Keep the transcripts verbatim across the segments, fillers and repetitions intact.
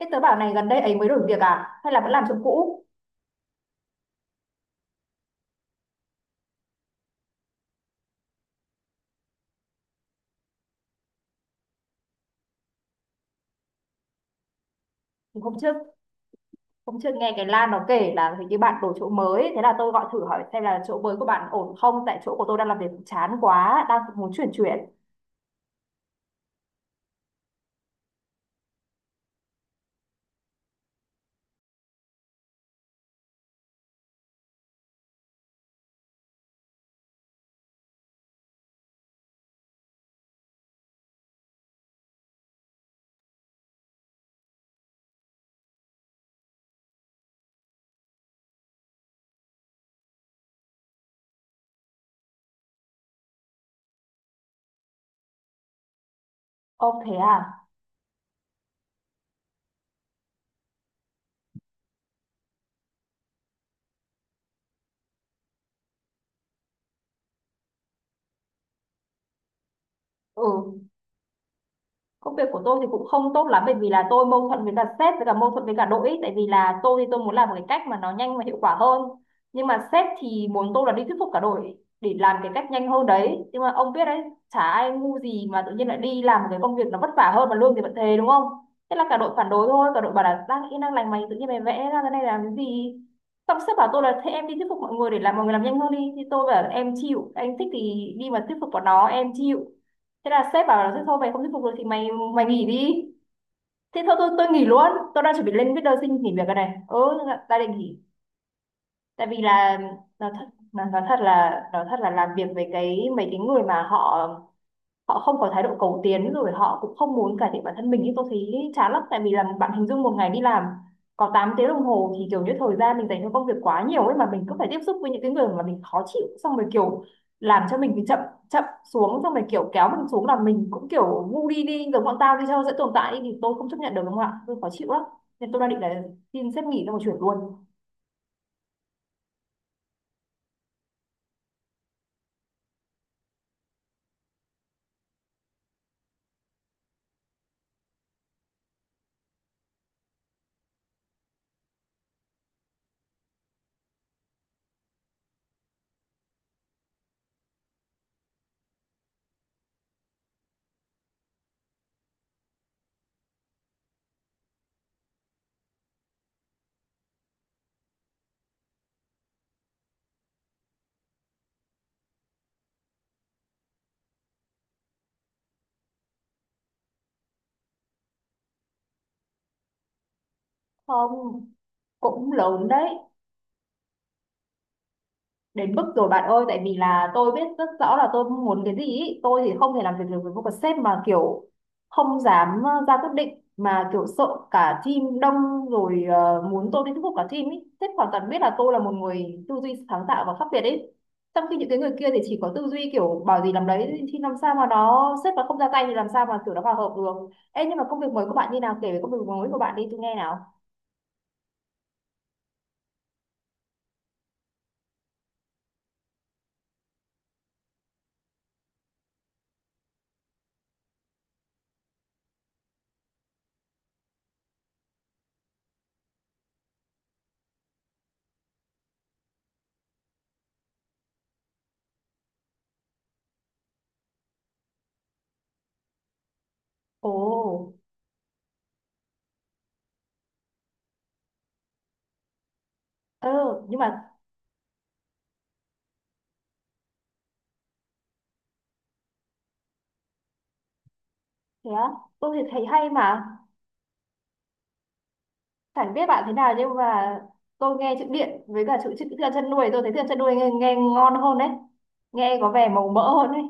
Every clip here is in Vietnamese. Thế tớ bảo này, gần đây ấy mới đổi việc à? Hay là vẫn làm chỗ cũ? Thì Hôm trước hôm trước nghe cái Lan nó kể là hình như bạn đổi chỗ mới, thế là tôi gọi thử hỏi xem là chỗ mới của bạn ổn không? Tại chỗ của tôi đang làm việc chán quá, đang muốn chuyển chuyển. Ô thế à? Ừ, công việc của tôi thì cũng không tốt lắm, bởi vì là tôi mâu thuẫn với cả sếp, với cả mâu thuẫn với cả đội. Tại vì là tôi thì tôi muốn làm một cái cách mà nó nhanh và hiệu quả hơn, nhưng mà sếp thì muốn tôi là đi thuyết phục cả đội để làm cái cách nhanh hơn đấy. Nhưng mà ông biết đấy, chả ai ngu gì mà tự nhiên lại đi làm một cái công việc nó vất vả hơn mà lương thì vẫn thế, đúng không? Thế là cả đội phản đối thôi, cả đội bảo là đang yên đang lành mày tự nhiên mày vẽ ra cái này làm cái gì. Xong sếp bảo tôi là thế em đi thuyết phục mọi người để làm mọi người làm nhanh hơn đi, thì tôi bảo là em chịu, anh thích thì đi mà thuyết phục bọn nó, em chịu. Thế là sếp bảo là thế thôi mày không thuyết phục được thì mày mày nghỉ đi. Thế thôi, tôi tôi nghỉ luôn, tôi đang chuẩn bị lên viết đơn xin nghỉ việc rồi này. Ừ, ta định nghỉ, tại vì là nói thật, nói nói thật là nói thật là làm việc với cái mấy cái người mà họ họ không có thái độ cầu tiến rồi họ cũng không muốn cải thiện bản thân mình, nhưng tôi thấy chán lắm. Tại vì là bạn hình dung một ngày đi làm có tám tiếng đồng hồ thì kiểu như thời gian mình dành cho công việc quá nhiều ấy, mà mình cứ phải tiếp xúc với những cái người mà mình khó chịu, xong rồi kiểu làm cho mình bị chậm chậm xuống, xong rồi kiểu kéo mình xuống, là mình cũng kiểu ngu đi, đi giống bọn tao đi cho dễ tồn tại, thì tôi không chấp nhận được, đúng không ạ? Tôi khó chịu lắm, nên tôi đang định là xin sếp nghỉ xong rồi chuyển luôn. Không, cũng lớn đấy, đến mức rồi bạn ơi. Tại vì là tôi biết rất rõ là tôi muốn cái gì ý. Tôi thì không thể làm việc được với một cái sếp mà kiểu không dám ờ, ra quyết định, mà kiểu sợ cả team đông rồi, ờ, muốn tôi đi thuyết phục cả team ý. Sếp hoàn toàn biết là tôi là một người tư duy sáng tạo và khác biệt ý, trong khi những cái người kia thì chỉ có tư duy kiểu bảo gì làm đấy, thì làm sao mà nó sếp mà không ra tay thì làm sao mà kiểu nó hòa hợp được. Ê, nhưng mà công việc mới của bạn như nào, kể về công việc mới của bạn đi, tôi nghe nào. Ồ. Ừ. Nhưng mà thế á? Tôi thì thấy hay mà. Chẳng biết bạn thế nào, nhưng mà tôi nghe chữ điện với cả chữ chữ thức chân nuôi, tôi thấy thức chân nuôi nghe, nghe ngon hơn đấy, nghe có vẻ màu mỡ hơn đấy.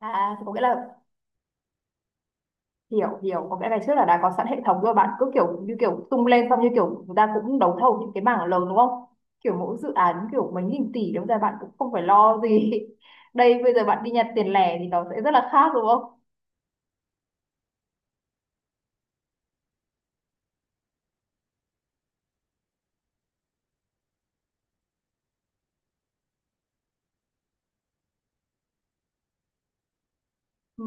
À thì có nghĩa là, hiểu hiểu, có nghĩa ngày trước là đã có sẵn hệ thống rồi, bạn cứ kiểu như kiểu tung lên xong như kiểu người ta cũng đấu thầu những cái mảng lớn đúng không, kiểu mỗi dự án kiểu mấy nghìn tỷ, đúng ra bạn cũng không phải lo gì. Đây bây giờ bạn đi nhặt tiền lẻ thì nó sẽ rất là khác, đúng không? Ừ.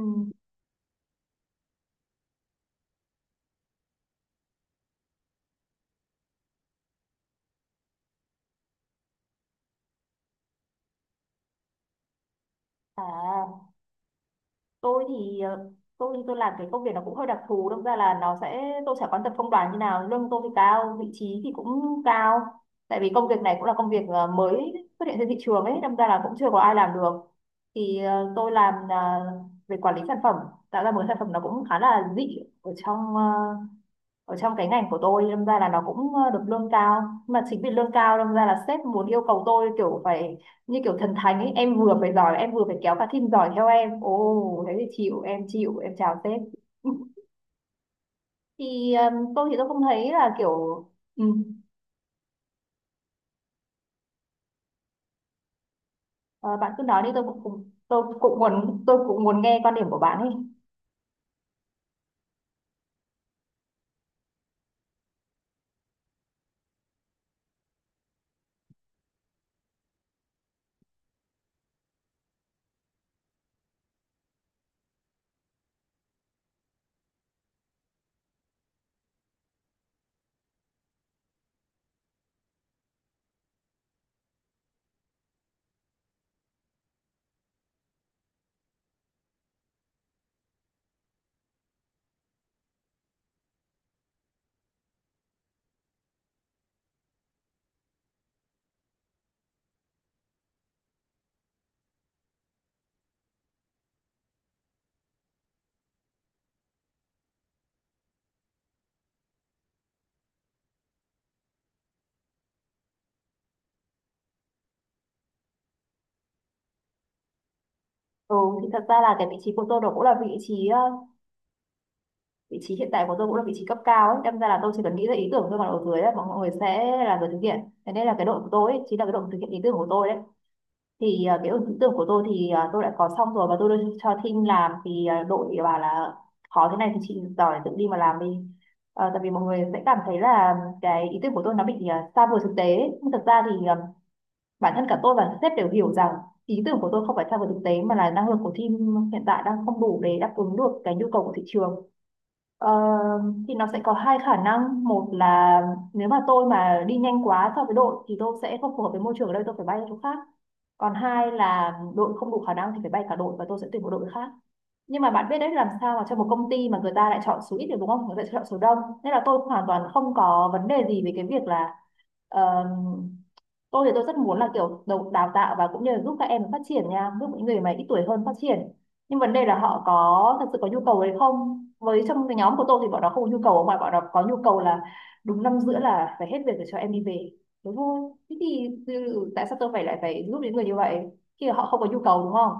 À, tôi thì ờ, tôi tôi làm cái công việc nó cũng hơi đặc thù, đâm ra là nó sẽ tôi sẽ quan tâm công đoàn như nào. Lương tôi thì cao, vị trí thì cũng cao, tại vì công việc này cũng là công việc ờ, mới xuất hiện trên thị trường ấy, đâm ra là cũng chưa có ai làm được. Thì ờ, tôi làm ờ, về quản lý sản phẩm, tạo ra một cái sản phẩm nó cũng khá là dị ở trong ờ, ở trong cái ngành của tôi, đâm ra là nó cũng ờ, được lương cao. Nhưng mà chính vì lương cao đâm ra là sếp muốn yêu cầu tôi kiểu phải như kiểu thần thánh ấy, em vừa phải giỏi em vừa phải kéo cả team giỏi theo em. Ồ thế thì chịu, em chịu, em chào sếp. Thì ờ, tôi thì tôi không thấy là kiểu. Ừ, ờ, bạn cứ nói đi, tôi cũng cũng- tôi cũng muốn, tôi cũng muốn nghe quan điểm của bạn ấy. Ừ, thì thật ra là cái vị trí của tôi đó cũng là vị trí ờ, vị trí hiện tại của tôi cũng là vị trí cấp cao ấy, đâm ra là tôi chỉ cần nghĩ ra ý tưởng thôi, còn ở dưới ấy, mọi người sẽ là người thực hiện. Thế nên là cái đội của tôi ấy, chính là cái đội thực hiện ý tưởng của tôi đấy. Thì à, cái ý tưởng của tôi thì à, tôi đã có xong rồi và tôi đưa cho team làm, thì à, đội bảo là khó thế này thì chị giỏi tự đi mà làm đi. Ờ, tại vì mọi người sẽ cảm thấy là cái ý tưởng của tôi nó bị à, xa vời thực tế ấy. Nhưng thực ra thì à, bản thân cả tôi và sếp đều hiểu rằng ý tưởng của tôi không phải xa vời thực tế, mà là năng lực của team hiện tại đang không đủ để đáp ứng được cái nhu cầu của thị trường. Ờ, thì nó sẽ có hai khả năng. Một là nếu mà tôi mà đi nhanh quá so với đội thì tôi sẽ không phù hợp với môi trường ở đây, tôi phải bay ra chỗ khác. Còn hai là đội không đủ khả năng thì phải bay cả đội và tôi sẽ tuyển một đội khác. Nhưng mà bạn biết đấy, làm sao mà trong một công ty mà người ta lại chọn số ít được, đúng không? Người ta chọn số đông. Nên là tôi hoàn toàn không có vấn đề gì về cái việc là ờ, tôi thì tôi rất muốn là kiểu đầu đào tạo và cũng như là giúp các em phát triển nha, giúp những người mà ít tuổi hơn phát triển. Nhưng vấn đề là họ có thật sự có nhu cầu đấy không? Với trong cái nhóm của tôi thì bọn nó không có nhu cầu, mà bọn nó có nhu cầu là đúng năm giữa là phải hết việc để cho em đi về. Thế thôi, thế thì từ- tại sao tôi phải lại phải giúp những người như vậy khi mà họ không có nhu cầu, đúng không?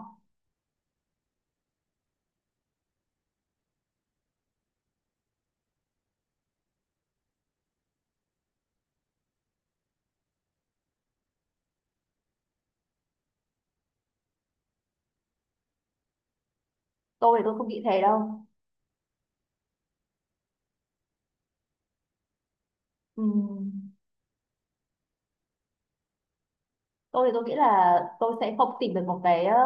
Tôi thì tôi không nghĩ thế đâu. Ừm, tôi thì tôi nghĩ là tôi sẽ không tìm được một cái ờ,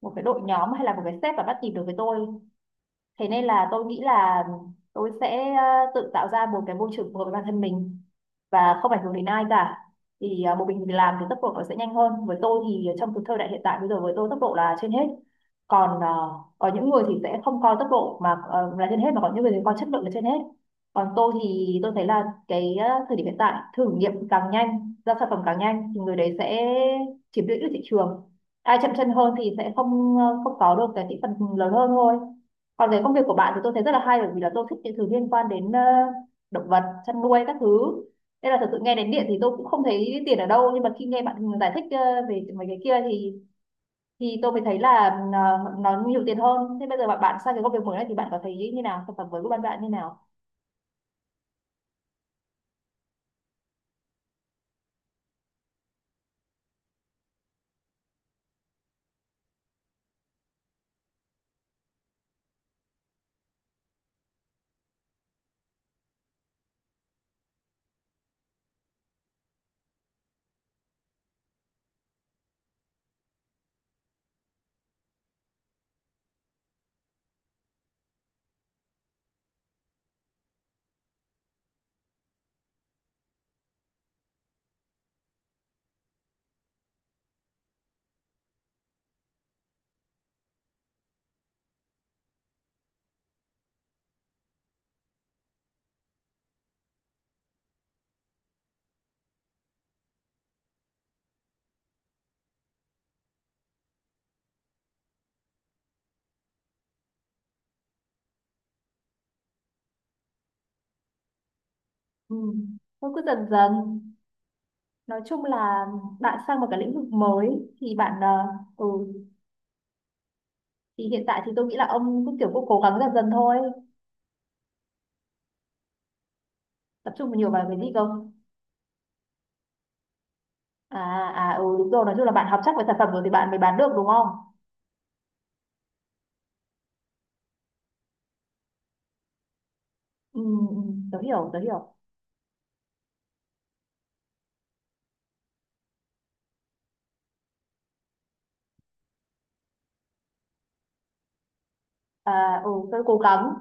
một cái đội nhóm hay là một cái sếp mà bắt nhịp được với tôi. Thế nên là tôi nghĩ là tôi sẽ ờ, tự tạo ra một cái môi trường phù hợp với bản thân mình và không ảnh hưởng đến ai cả. Thì ờ, một mình mình làm thì tốc độ nó sẽ nhanh hơn. Với tôi thì trong cái thời đại hiện tại bây giờ, với tôi tốc độ là trên hết. Còn ờ, có những người thì sẽ không coi tốc độ mà ờ, là trên hết, mà có những người thì coi chất lượng là trên hết. Còn tôi thì tôi thấy là cái ờ, thời điểm hiện tại, thử nghiệm càng nhanh ra sản phẩm càng nhanh thì người đấy sẽ chiếm lĩnh được thị trường. Ai chậm chân hơn thì sẽ không ờ, không có được cái thị phần lớn hơn thôi. Còn cái công việc của bạn thì tôi thấy rất là hay, bởi vì là tôi thích những thứ liên quan đến ờ, động vật, chăn nuôi các thứ. Nên là thật sự nghe đến điện thì tôi cũng không thấy tiền ở đâu, nhưng mà khi nghe bạn giải thích ờ, về mấy cái kia thì thì tôi mới thấy là ờ, nó nhiều tiền hơn. Thế bây giờ bạn bạn sang cái công việc mới này thì bạn có thấy như nào? Sản phẩm mới của bạn bạn như nào? Ừ. Tôi cứ dần dần, nói chung là bạn sang một cái lĩnh vực mới thì bạn ờ, ừ thì hiện tại thì tôi nghĩ là ông cũng kiểu cũng cố gắng dần dần thôi. Tập trung nhiều vào cái gì cơ? À. À ừ đúng rồi, nói chung là bạn học chắc về sản phẩm rồi thì bạn mới bán được, đúng không? Ừ, ừ, tớ hiểu tớ hiểu. À ừ tớ cố gắng.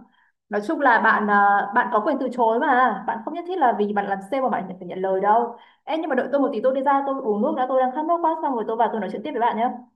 Nói chung là bạn à, bạn có quyền từ chối, mà bạn không nhất thiết là vì bạn làm sale mà bạn phải nhận lời đâu. Ê, nhưng mà đợi tôi một tí, tôi đi ra tôi uống nước đã, tôi đang khát nước quá, xong rồi tôi vào tôi nói chuyện tiếp với bạn nhé.